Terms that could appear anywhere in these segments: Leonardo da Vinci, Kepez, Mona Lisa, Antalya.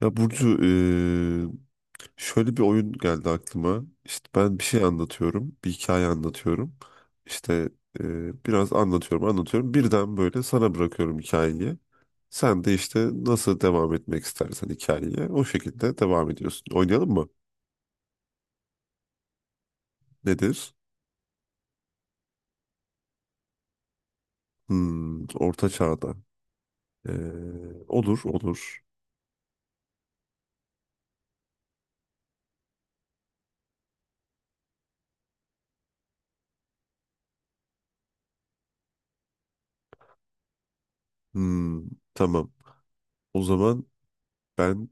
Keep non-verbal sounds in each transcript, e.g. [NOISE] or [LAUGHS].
Ya Burcu şöyle bir oyun geldi aklıma. İşte ben bir şey anlatıyorum, bir hikaye anlatıyorum. İşte biraz anlatıyorum, anlatıyorum. Birden böyle sana bırakıyorum hikayeyi. Sen de işte nasıl devam etmek istersen hikayeye o şekilde devam ediyorsun. Oynayalım mı? Nedir? Hmm, Orta Çağ'da. Eee, olur, olur. Hmm, tamam. O zaman ben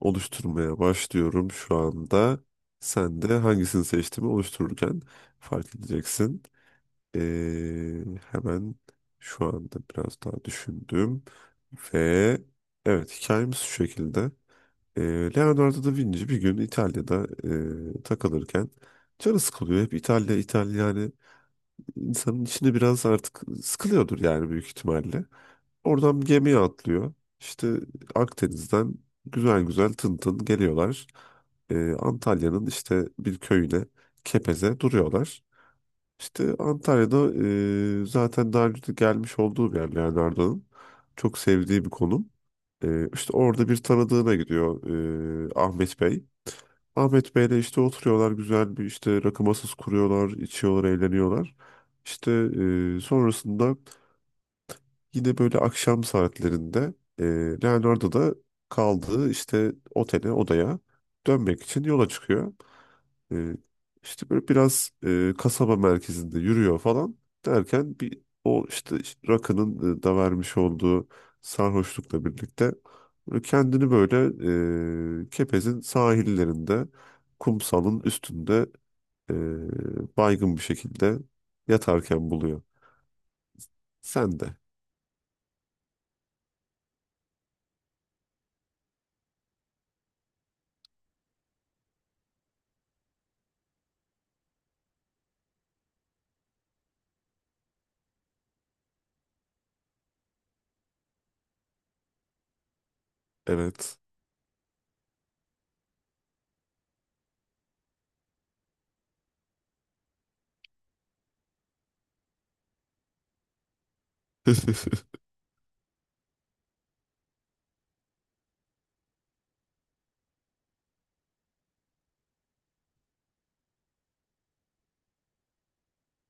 oluşturmaya başlıyorum şu anda. Sen de hangisini seçtiğimi oluştururken fark edeceksin. Ee, hemen şu anda biraz daha düşündüm. Ve evet, hikayemiz şu şekilde. Ee, Leonardo da Vinci bir gün İtalya'da takılırken canı sıkılıyor. Hep İtalya, İtalya, yani insanın içinde biraz artık sıkılıyordur yani büyük ihtimalle. Oradan bir gemiye atlıyor. İşte Akdeniz'den güzel güzel tın tın geliyorlar. Antalya'nın işte bir köyüne, Kepez'e duruyorlar. İşte Antalya'da zaten daha önce de gelmiş olduğu bir yer Leonardo'nun. Çok sevdiği bir konum. İşte orada bir tanıdığına gidiyor, Ahmet Bey. Ahmet Bey'le işte oturuyorlar, güzel bir işte rakı masası kuruyorlar, içiyorlar, eğleniyorlar. İşte sonrasında yine böyle akşam saatlerinde e, Leonardo da kaldığı işte otele, odaya dönmek için yola çıkıyor. E, işte böyle biraz kasaba merkezinde yürüyor falan derken bir o işte rakının da vermiş olduğu sarhoşlukla birlikte böyle kendini böyle Kepez'in sahillerinde kumsalın üstünde, e, baygın bir şekilde yatarken buluyor. Sen de. Evet. [LAUGHS]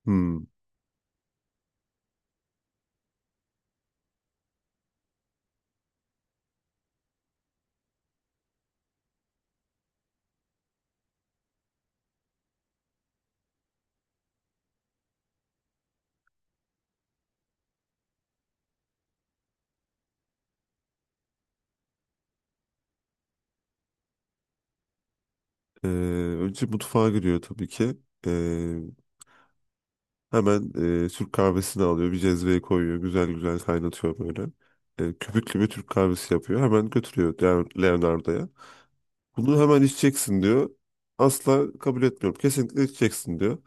Hmm. Ee, önce mutfağa giriyor tabii ki. Ee, hemen Türk kahvesini alıyor. Bir cezveye koyuyor. Güzel güzel kaynatıyor böyle. Köpüklü bir Türk kahvesi yapıyor. Hemen götürüyor Leonardo'ya. Bunu hemen içeceksin diyor. Asla kabul etmiyorum. Kesinlikle içeceksin diyor.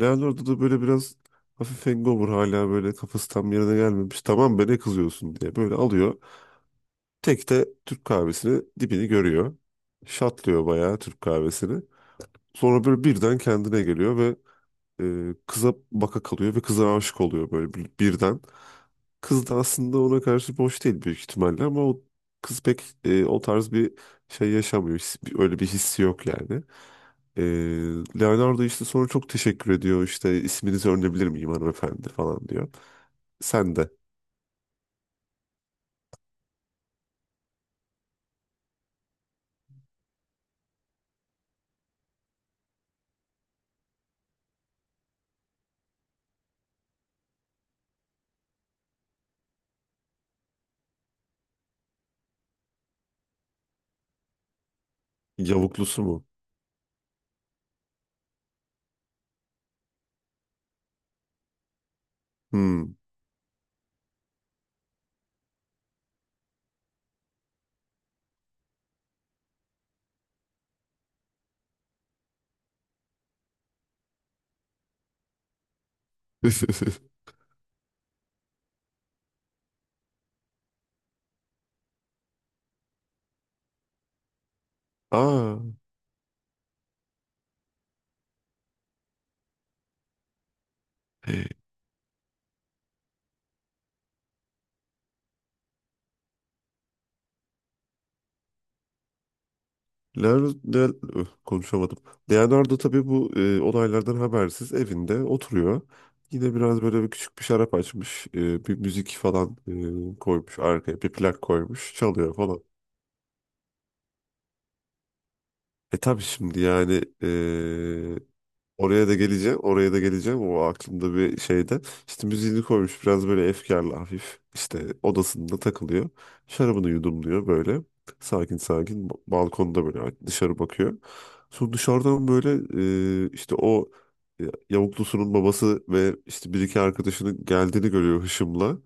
Leonardo da böyle biraz hafif hangover, hala böyle kafası tam yerine gelmemiş. Tamam be, ne kızıyorsun diye böyle alıyor. Tek de Türk kahvesini dibini görüyor. Şatlıyor bayağı Türk kahvesini. Sonra böyle birden kendine geliyor ve kıza baka kalıyor ve kıza aşık oluyor böyle birden. Kız da aslında ona karşı boş değil büyük ihtimalle, ama o kız pek o tarz bir şey yaşamıyor. Öyle bir hissi yok yani. E, Leonardo işte sonra çok teşekkür ediyor, işte isminizi öğrenebilir miyim hanımefendi falan diyor. Sen de. Yavuklusu mu? Hmm. [LAUGHS] Aa. Leonardo, Leo- konuşamadım. Leonardo tabii bu olaylardan habersiz evinde oturuyor. Yine biraz böyle bir küçük bir şarap açmış. Bir müzik falan koymuş arkaya. Bir plak koymuş. Çalıyor falan. E tabii şimdi yani oraya da geleceğim, oraya da geleceğim. O aklımda bir şeyde. İşte müziğini koymuş biraz böyle efkarlı hafif. İşte odasında takılıyor. Şarabını yudumluyor böyle. Sakin sakin balkonda böyle dışarı bakıyor. Sonra dışarıdan böyle işte o yavuklusunun babası ve işte bir iki arkadaşının geldiğini görüyor hışımla.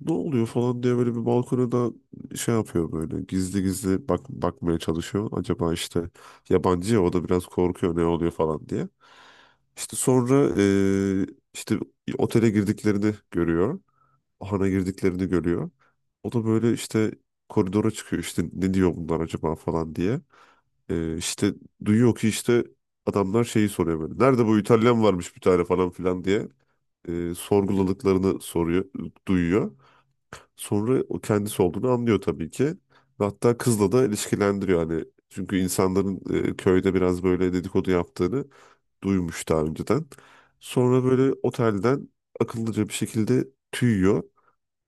Ne oluyor falan diye böyle bir balkona da şey yapıyor, böyle gizli gizli bakmaya çalışıyor. Acaba işte yabancı ya, o da biraz korkuyor ne oluyor falan diye. İşte sonra işte otele girdiklerini görüyor. Ahana girdiklerini görüyor. O da böyle işte koridora çıkıyor, işte ne diyor bunlar acaba falan diye. İşte duyuyor ki işte adamlar şeyi soruyor böyle. Nerede bu İtalyan, varmış bir tane falan filan diye sorguladıklarını soruyor, duyuyor. Sonra o kendisi olduğunu anlıyor tabii ki. Ve hatta kızla da ilişkilendiriyor hani. Çünkü insanların köyde biraz böyle dedikodu yaptığını duymuş daha önceden. Sonra böyle otelden akıllıca bir şekilde tüyüyor.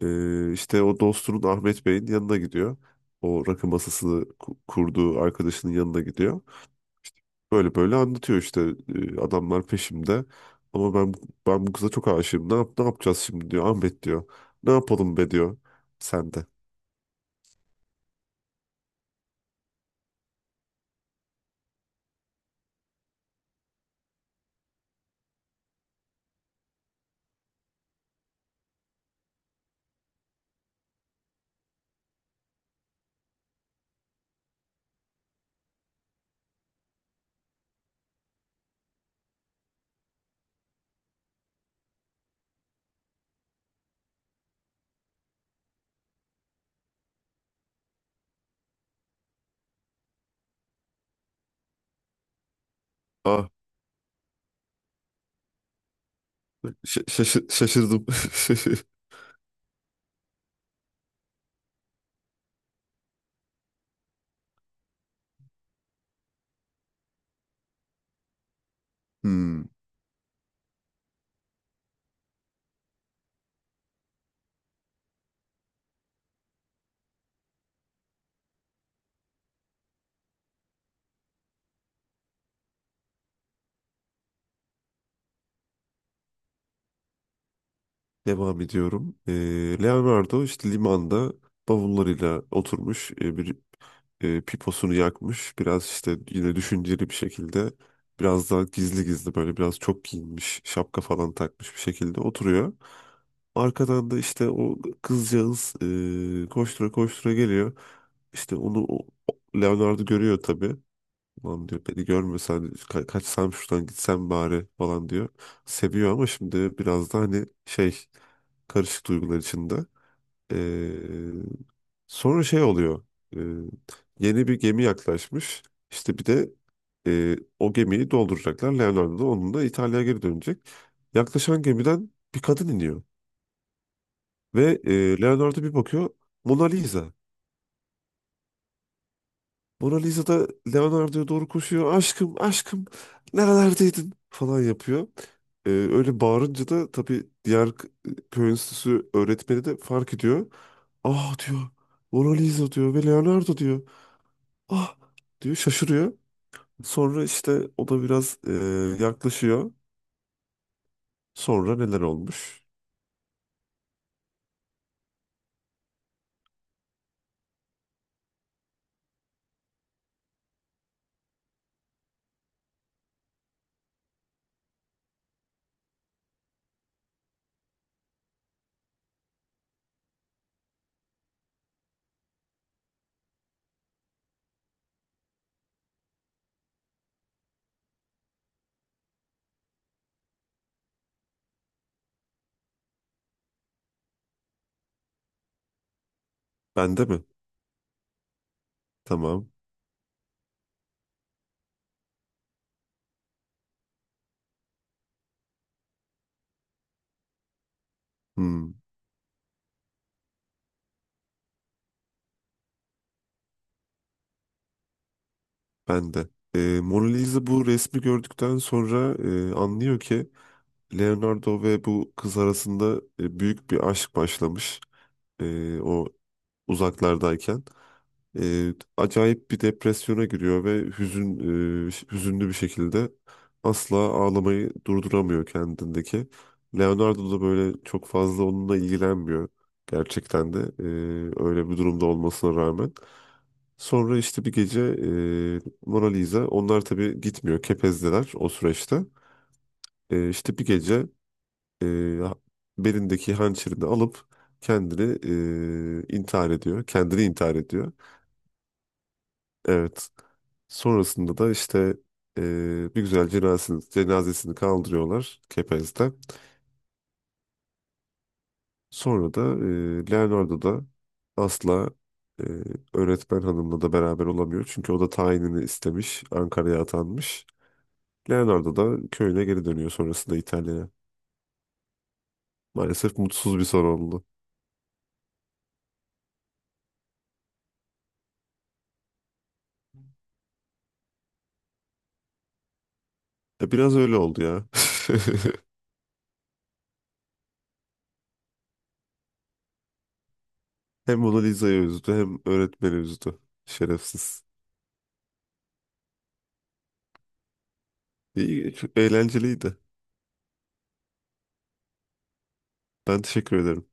İşte o dostunun Ahmet Bey'in yanına gidiyor. O rakı masasını kurduğu arkadaşının yanına gidiyor. Böyle böyle anlatıyor, işte adamlar peşimde. Ama ben bu kıza çok aşığım. Ne yap, ne yapacağız şimdi diyor. Ahmet diyor. Ne yapalım be diyor. Sen de. Ah, şaşırdım. [LAUGHS] Hmm. Devam ediyorum. Leonardo işte limanda bavullarıyla oturmuş, piposunu yakmış. Biraz işte yine düşünceli bir şekilde, biraz daha gizli gizli böyle, biraz çok giyinmiş, şapka falan takmış bir şekilde oturuyor. Arkadan da işte o kızcağız koştura koştura geliyor. İşte onu Leonardo görüyor tabii. Ulan diyor, beni görmesen kaçsam şuradan gitsem bari falan diyor. Seviyor ama şimdi biraz da hani şey, karışık duygular içinde. Ee, sonra şey oluyor. Ee, yeni bir gemi yaklaşmış. İşte bir de o gemiyi dolduracaklar. Leonardo da onunla İtalya'ya geri dönecek. Yaklaşan gemiden bir kadın iniyor. Ve Leonardo bir bakıyor, Mona Lisa. Mona Lisa da Leonardo'ya doğru koşuyor. Aşkım, aşkım, nerelerdeydin falan yapıyor. Öyle bağırınca da tabii diğer köy enstitüsü öğretmeni de fark ediyor. Ah diyor, Mona Lisa diyor ve Leonardo diyor. Ah diyor, şaşırıyor. Sonra işte o da biraz yaklaşıyor. Sonra neler olmuş? Bende mi? Tamam. Hmm, bende. Mona Lisa bu resmi gördükten sonra anlıyor ki Leonardo ve bu kız arasında büyük bir aşk başlamış. O uzaklardayken. Acayip bir depresyona giriyor ve hüzünlü bir şekilde asla ağlamayı durduramıyor kendindeki. Leonardo da böyle çok fazla onunla ilgilenmiyor gerçekten de, öyle bir durumda olmasına rağmen. Sonra işte bir gece, Mona Lisa, onlar tabii gitmiyor, Kepez'deler o süreçte. İşte bir gece e, belindeki hançerini alıp kendini intihar ediyor. Kendini intihar ediyor. Evet. Sonrasında da işte e, bir güzel cenazesini kaldırıyorlar Kepez'den. Sonra da Leonardo da asla e, öğretmen hanımla da beraber olamıyor. Çünkü o da tayinini istemiş, Ankara'ya atanmış. Leonardo da köyüne geri dönüyor sonrasında, İtalya'ya. Maalesef mutsuz bir son oldu. Biraz öyle oldu ya. [LAUGHS] Hem Mona Lisa'yı üzdü hem öğretmeni üzdü. Şerefsiz. İyi, çok eğlenceliydi. Ben teşekkür ederim.